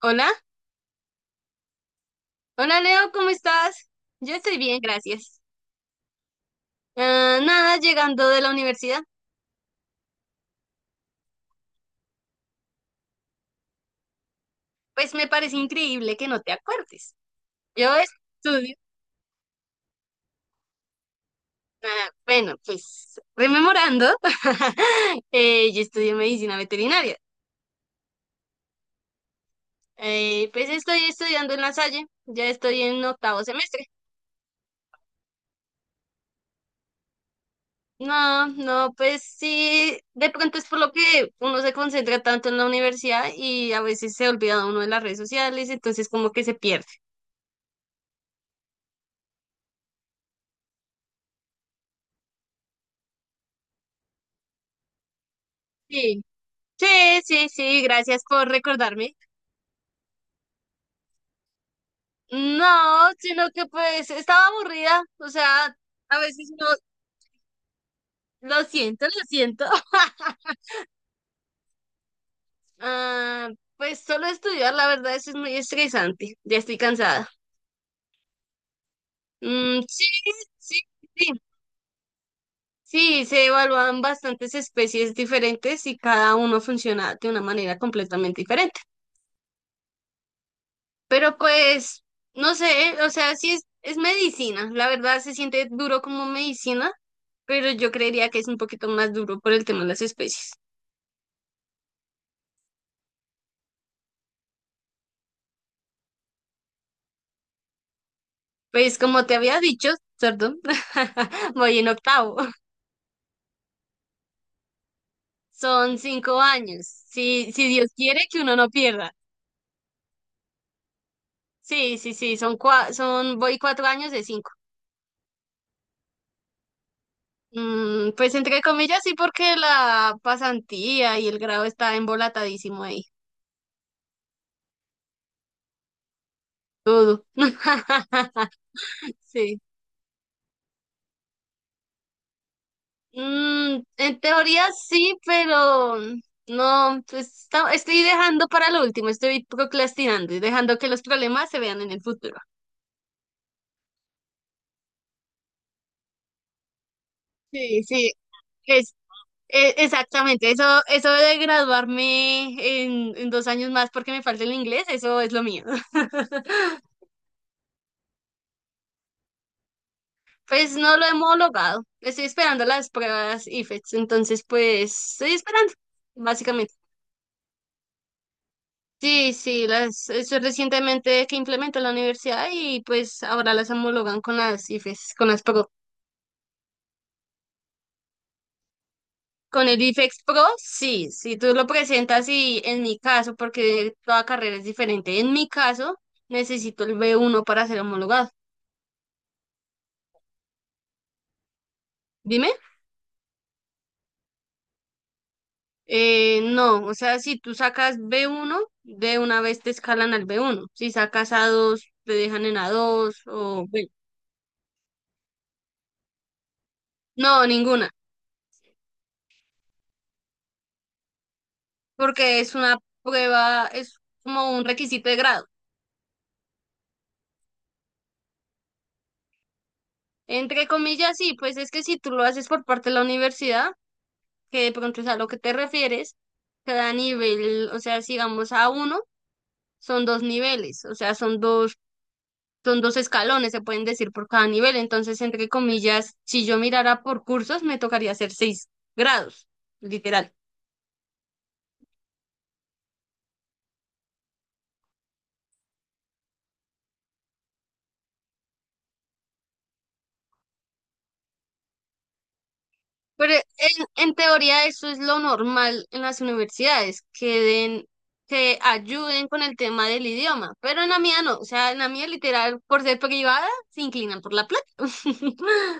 Hola, hola Leo, ¿cómo estás? Yo estoy bien, gracias. Nada, llegando de la universidad. Pues me parece increíble que no te acuerdes. Yo estudio, bueno, pues rememorando, yo estudio medicina veterinaria. Pues estoy estudiando en La Salle, ya estoy en octavo semestre. No, no, pues sí, de pronto es por lo que uno se concentra tanto en la universidad y a veces se olvida uno de las redes sociales, entonces como que se pierde. Sí. Sí, sí, sí, gracias por recordarme. No, sino que pues estaba aburrida, o sea, a veces no, lo siento, lo siento. Ah, pues solo estudiar, la verdad, eso es muy estresante, ya estoy cansada. Mm, sí, sí, sí, sí, se evalúan bastantes especies diferentes y cada uno funciona de una manera completamente diferente. Pero pues, no sé, o sea, sí es medicina. La verdad se siente duro como medicina, pero yo creería que es un poquito más duro por el tema de las especies. Pues como te había dicho, perdón, voy en octavo. Son 5 años. Si Dios quiere que uno no pierda. Sí, sí, sí, son, voy 4 años de 5. Mm, pues entre comillas, sí, porque la pasantía y el grado está embolatadísimo ahí. Todo. Sí. Mm, en teoría sí, pero no, pues estoy dejando para lo último, estoy procrastinando y dejando que los problemas se vean en el futuro. Sí, sí, es, exactamente, eso de graduarme en 2 años más porque me falta el inglés, eso es lo mío. Pues no lo hemos homologado, estoy esperando las pruebas IFETS, entonces pues estoy esperando, básicamente. Sí, sí, eso es recientemente que implementó la universidad y pues ahora las homologan con las IFES, con las Pro. Con el IFEX Pro, sí, si tú lo presentas y en mi caso, porque toda carrera es diferente, en mi caso necesito el B1 para ser homologado. Dime, no, o sea, si tú sacas B1 de una vez te escalan al B1. Si sacas A2 te dejan en A2 o bueno. No, ninguna, porque es una prueba, es como un requisito de grado. Entre comillas, sí, pues es que si tú lo haces por parte de la universidad, que de pronto es a lo que te refieres, cada nivel, o sea, sigamos a uno, son dos niveles, o sea, son dos escalones, se pueden decir por cada nivel. Entonces, entre comillas, si yo mirara por cursos, me tocaría hacer seis grados, literal. Pero en teoría eso es lo normal en las universidades, que den, que ayuden con el tema del idioma, pero en la mía no, o sea, en la mía literal, por ser privada, se inclinan por la plata.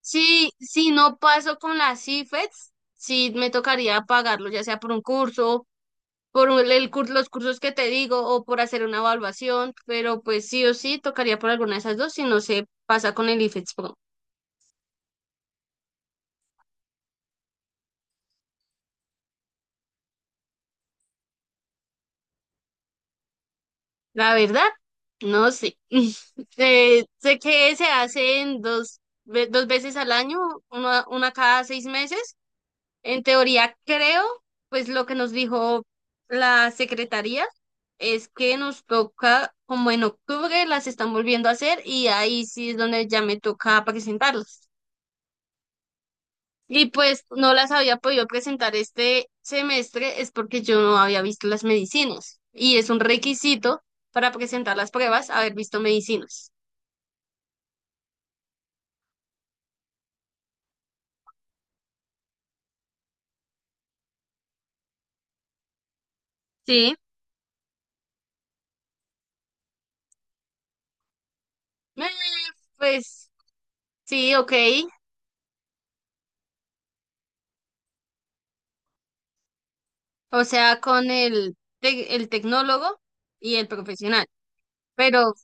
Si no paso con las IFETs, sí me tocaría pagarlo, ya sea por un curso, por un- el, cur- los cursos que te digo, o por hacer una evaluación, pero pues sí o sí tocaría por alguna de esas dos si no se pasa con el IFETs. La verdad, no sé. Sé que se hacen dos, dos veces al año, una cada 6 meses. En teoría, creo, pues lo que nos dijo la secretaría es que nos toca, como en octubre, las están volviendo a hacer y ahí sí es donde ya me toca presentarlas. Y pues no las había podido presentar este semestre es porque yo no había visto las medicinas. Y es un requisito para presentar las pruebas haber visto medicinas. Sí, Eh, pues sí, ok. O sea, con el tecnólogo y el profesional. Pero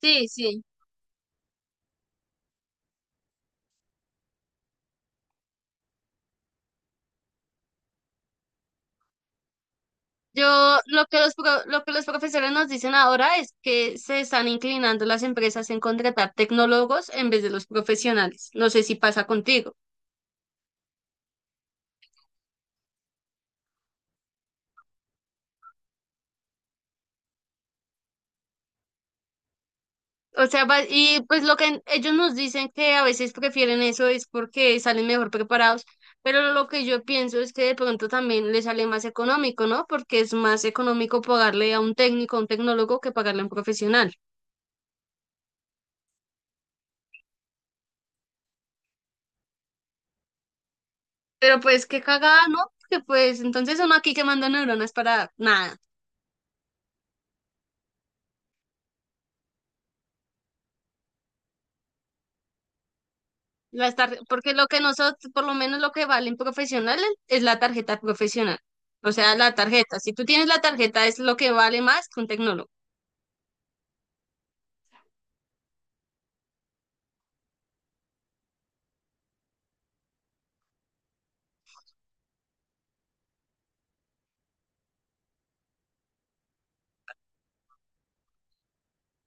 sí, sí. Yo lo que los profesores nos dicen ahora es que se están inclinando las empresas en contratar tecnólogos en vez de los profesionales. No sé si pasa contigo. O sea, y pues lo que ellos nos dicen que a veces prefieren eso es porque salen mejor preparados, pero lo que yo pienso es que de pronto también les sale más económico, ¿no? Porque es más económico pagarle a un técnico, a un tecnólogo, que pagarle a un profesional. Pero pues qué cagada, ¿no? Porque pues entonces uno aquí quemando neuronas para nada. Porque lo que nosotros, por lo menos lo que valen profesionales, es la tarjeta profesional. O sea, la tarjeta. Si tú tienes la tarjeta es lo que vale más que un tecnólogo.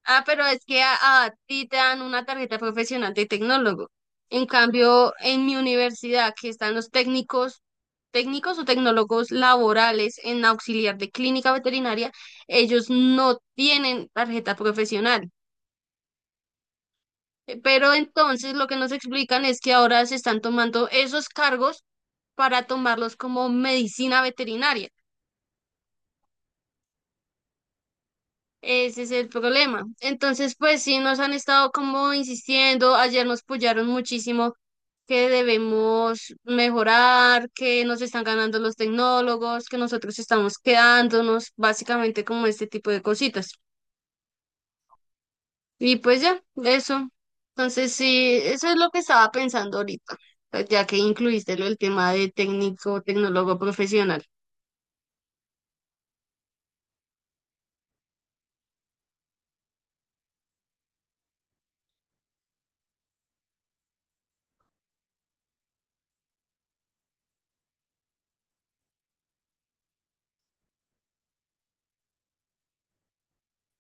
Ah, pero es que a ti te dan una tarjeta profesional de tecnólogo. En cambio, en mi universidad, que están los técnicos, técnicos o tecnólogos laborales en auxiliar de clínica veterinaria, ellos no tienen tarjeta profesional. Pero entonces lo que nos explican es que ahora se están tomando esos cargos para tomarlos como medicina veterinaria. Ese es el problema. Entonces, pues sí, nos han estado como insistiendo, ayer nos apoyaron muchísimo que debemos mejorar, que nos están ganando los tecnólogos, que nosotros estamos quedándonos, básicamente como este tipo de cositas. Y pues ya, eso. Entonces, sí, eso es lo que estaba pensando ahorita, pues, ya que incluiste lo del tema de técnico, tecnólogo profesional.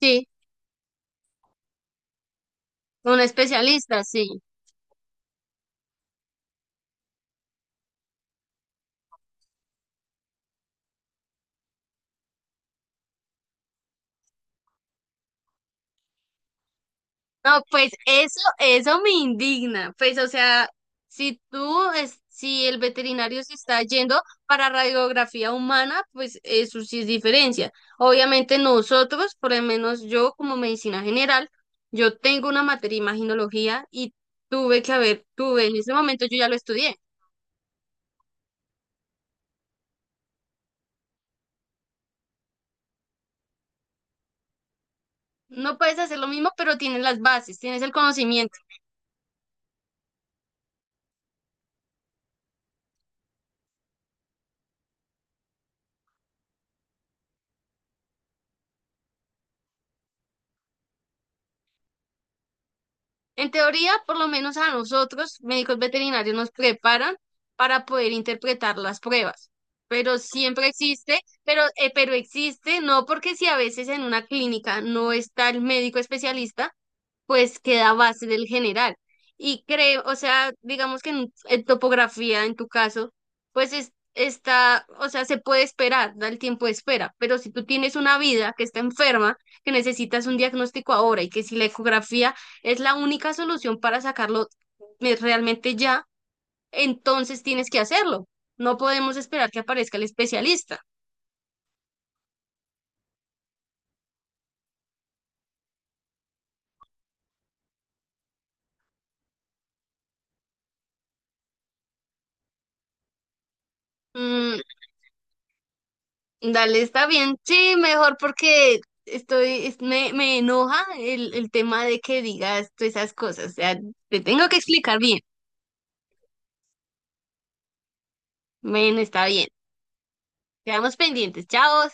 Sí, un especialista, sí. No, pues eso me indigna. Pues, o sea, si el veterinario se está yendo para radiografía humana, pues eso sí es diferencia. Obviamente nosotros, por lo menos yo como medicina general, yo tengo una materia imaginología y tuve, en ese momento yo ya lo estudié. No puedes hacer lo mismo, pero tienes las bases, tienes el conocimiento. En teoría, por lo menos a nosotros, médicos veterinarios, nos preparan para poder interpretar las pruebas. Pero siempre existe, pero existe, no porque si a veces en una clínica no está el médico especialista, pues queda base del general. Y creo, o sea, digamos que en topografía, en tu caso, pues está, o sea, se puede esperar, da el tiempo de espera, pero si tú tienes una vida que está enferma, que necesitas un diagnóstico ahora y que si la ecografía es la única solución para sacarlo, realmente ya, entonces tienes que hacerlo. No podemos esperar que aparezca el especialista. Mm, dale, está bien. Sí, mejor porque estoy, me enoja el tema de que digas todas esas cosas. O sea, te tengo que explicar bien. Bueno, está bien. Quedamos pendientes. Chao.